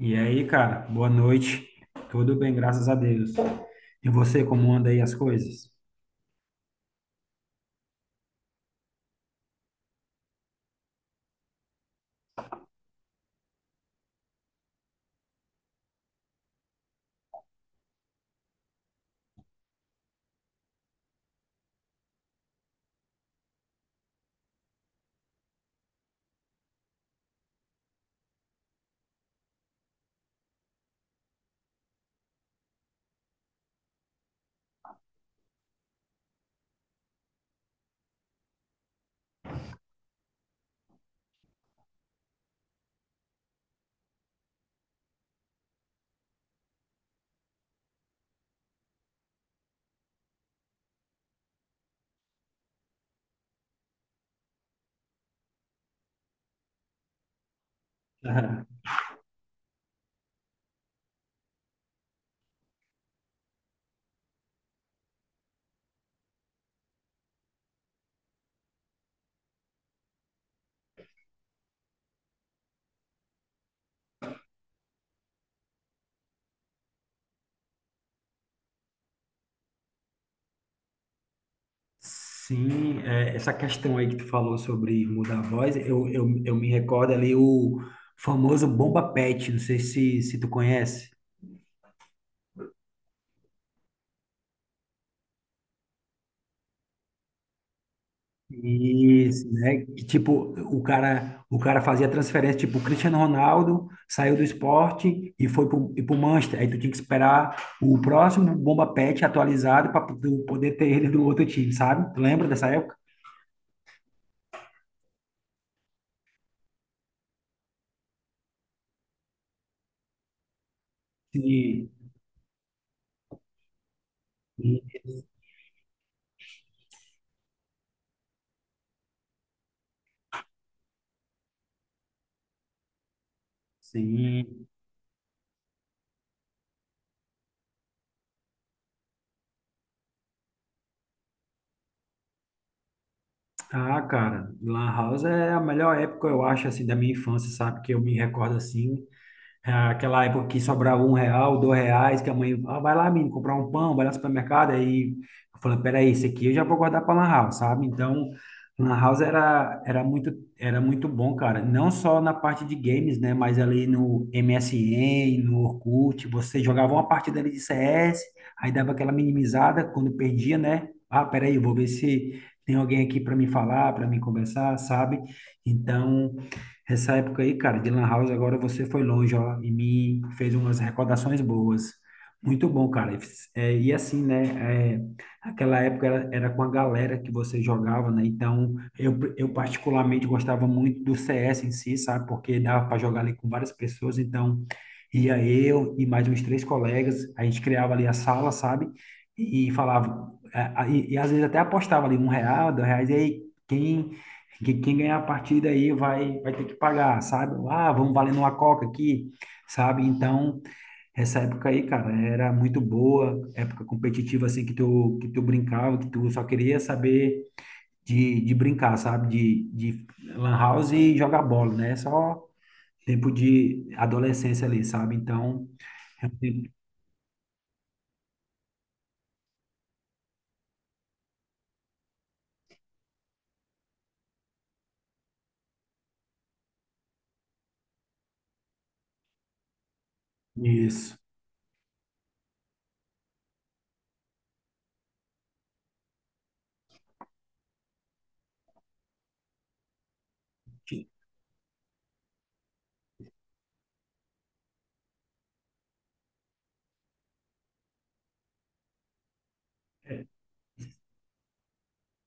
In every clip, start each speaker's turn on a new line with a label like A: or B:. A: E aí, cara, boa noite. Tudo bem, graças a Deus. E você, como anda aí as coisas? Sim, essa questão aí que tu falou sobre mudar a voz, eu me recordo ali o famoso Bomba Pet, não sei se tu conhece. Isso, né? Que, tipo, o cara fazia transferência, tipo, o Cristiano Ronaldo saiu do esporte e foi pro Manchester. Aí tu tinha que esperar o próximo bomba pet atualizado para tu poder ter ele do outro time, sabe? Tu lembra dessa época? Sim, sim, sim. Ah, cara, Lan House é a melhor época, eu acho, assim, da minha infância, sabe? Que eu me recordo assim. É aquela época que sobrava um real, dois reais, que a mãe, ah, vai lá, menino, comprar um pão, vai lá no supermercado. Aí eu falei, peraí, esse aqui eu já vou guardar para Lan House, sabe? Então, Lan House era, era muito bom, cara. Não só na parte de games, né? Mas ali no MSN, no Orkut, você jogava uma partida ali de CS, aí dava aquela minimizada quando perdia, né? Ah, peraí, eu vou ver se tem alguém aqui para me falar, para me conversar, sabe? Então, essa época aí, cara, de Lan House, agora você foi longe, ó, e me fez umas recordações boas. Muito bom, cara. E assim, né? Aquela era com a galera que você jogava, né? Então, eu particularmente gostava muito do CS em si, sabe? Porque dava para jogar ali com várias pessoas. Então, ia eu e mais uns três colegas, a gente criava ali a sala, sabe? E falava, é, a- e às vezes até apostava ali um real, dois reais, e aí, quem quem ganhar a partida aí vai ter que pagar, sabe? Ah, vamos valendo uma coca aqui, sabe? Então, essa época aí, cara, era muito boa, época competitiva, assim, que tu brincava, que tu só queria saber de brincar, sabe? De lan house e jogar bola, né? Só tempo de adolescência ali, sabe? Então, é um tempo- isso. É,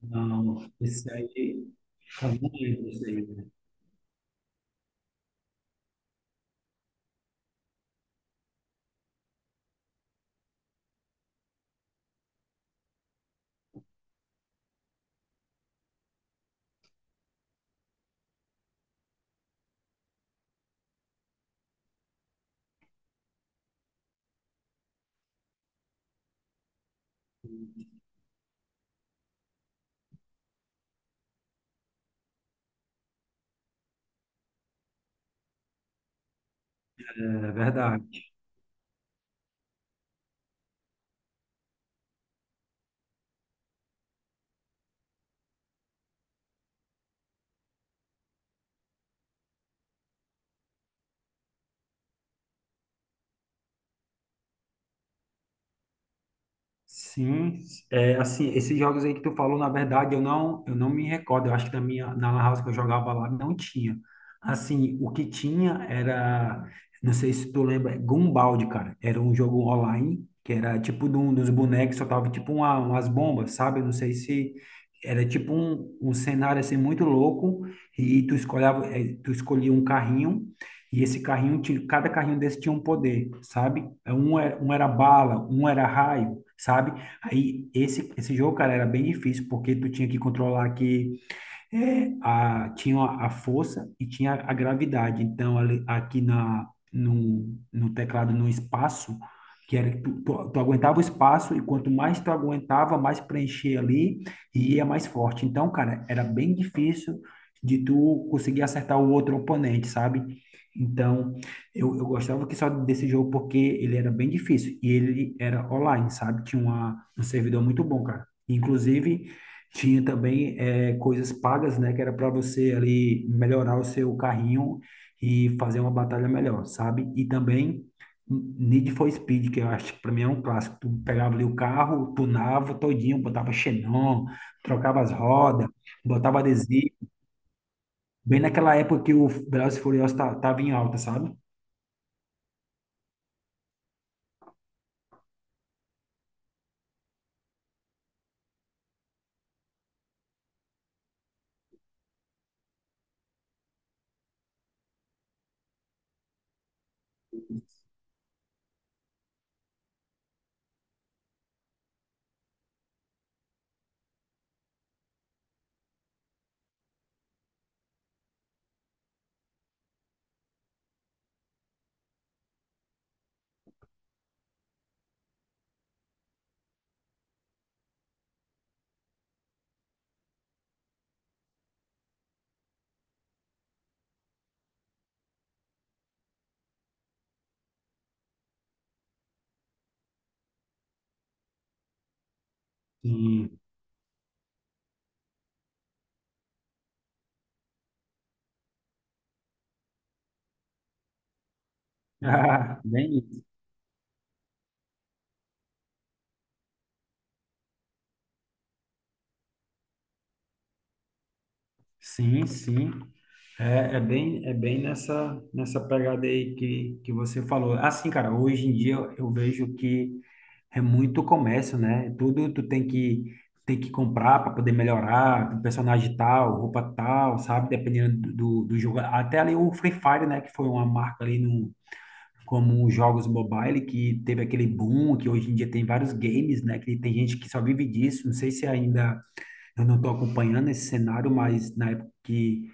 A: não, eu não lembro, esse aí. É verdade. Sim, é, assim, esses jogos aí que tu falou, na verdade, eu não me recordo. Eu acho que na minha, na Lan House que eu jogava lá não tinha. Assim, o que tinha era, não sei se tu lembra, Gumball, cara. Era um jogo online que era tipo de um dos bonecos, só tava tipo umas bombas, sabe? Eu não sei se era tipo um cenário assim muito louco e tu escolhava, tu escolhia um carrinho. E esse carrinho, tinha- cada carrinho desse tinha um poder, sabe? É, um era, um era bala, um era raio, sabe? Esse jogo, cara, era bem difícil, porque tu tinha que controlar que tinha a força e tinha a gravidade. Então, ali- aqui na, no teclado, no espaço, que era, tu aguentava o espaço e quanto mais tu aguentava, mais preenchia ali e ia mais forte. Então, cara, era bem difícil de tu conseguir acertar o outro oponente, sabe? Então, eu gostava que só desse jogo porque ele era bem difícil e ele era online, sabe? Tinha um servidor muito bom, cara. Inclusive, tinha também coisas pagas, né? Que era para você ali melhorar o seu carrinho e fazer uma batalha melhor, sabe? E também Need for Speed, que eu acho que para mim é um clássico. Tu pegava ali o carro, tunava todinho, botava xenon, trocava as rodas, botava adesivo. Bem naquela época que o Velozes e Furiosos ta- tava em alta, sabe? E ah, bem, sim, sim. É, é bem nessa pegada aí que você falou. Assim, cara, hoje em dia eu vejo que é muito comércio, né? Tudo tu tem que comprar para poder melhorar, personagem tal, roupa tal, sabe? Dependendo do jogo. Até ali o Free Fire, né? Que foi uma marca ali no, como os jogos mobile, que teve aquele boom, que hoje em dia tem vários games, né? Que tem gente que só vive disso. Não sei se ainda eu não estou acompanhando esse cenário, mas na época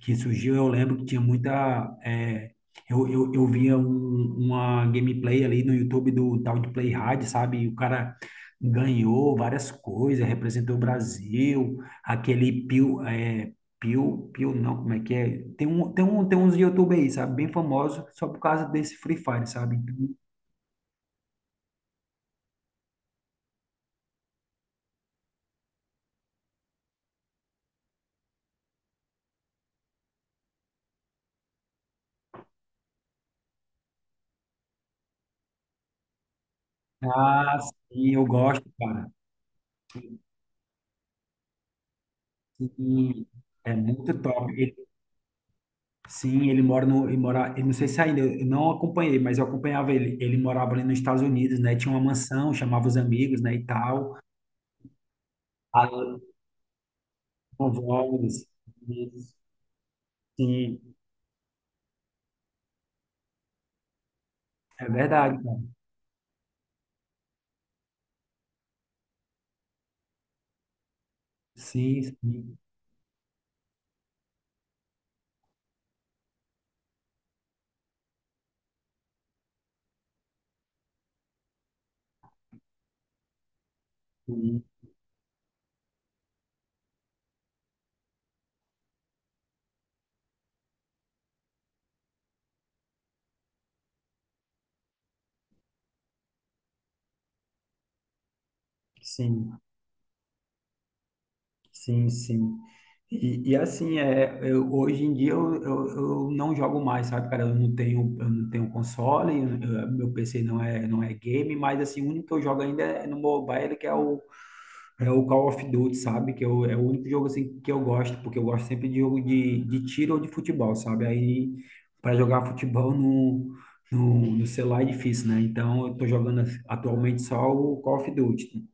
A: que surgiu, eu lembro que tinha muita, é, eu via um- uma gameplay ali no YouTube do tal de Play Hard, sabe? E o cara ganhou várias coisas, representou o Brasil, aquele Pio. É, Pio não, como é que é? Tem uns YouTube aí, sabe? Bem famosos, só por causa desse Free Fire, sabe? Ah, sim, eu gosto, cara. Sim, é muito top. Sim, ele mora, eu não sei se ainda, eu não acompanhei, mas eu acompanhava ele. Ele morava ali nos Estados Unidos, né? Tinha uma mansão, chamava os amigos, né, e tal. A- com vlogs. Isso. Sim, é verdade, cara. Sim, sim, sim, sim, sim, sim. E assim, é, eu, hoje em dia eu não jogo mais, sabe, cara? Eu não tenho console, eu- meu PC não é, não é game, mas assim, o único que eu jogo ainda é no mobile, que é o, é o Call of Duty, sabe? Que eu, é o único jogo assim que eu gosto, porque eu gosto sempre de jogo de tiro ou de futebol, sabe? Aí para jogar futebol no celular é difícil, né? Então eu tô jogando atualmente só o Call of Duty.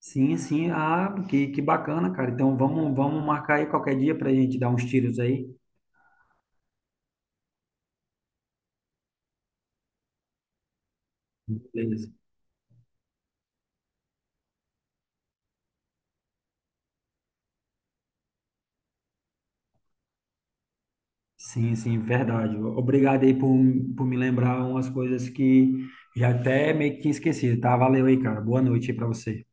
A: Sim, sim. Ah, que bacana, cara. Então, vamos, vamos marcar aí qualquer dia pra gente dar uns tiros aí. Beleza. Sim, sim, verdade. Obrigado aí por me lembrar umas coisas que já até meio que tinha esquecido, tá? Valeu aí, cara. Boa noite aí pra você.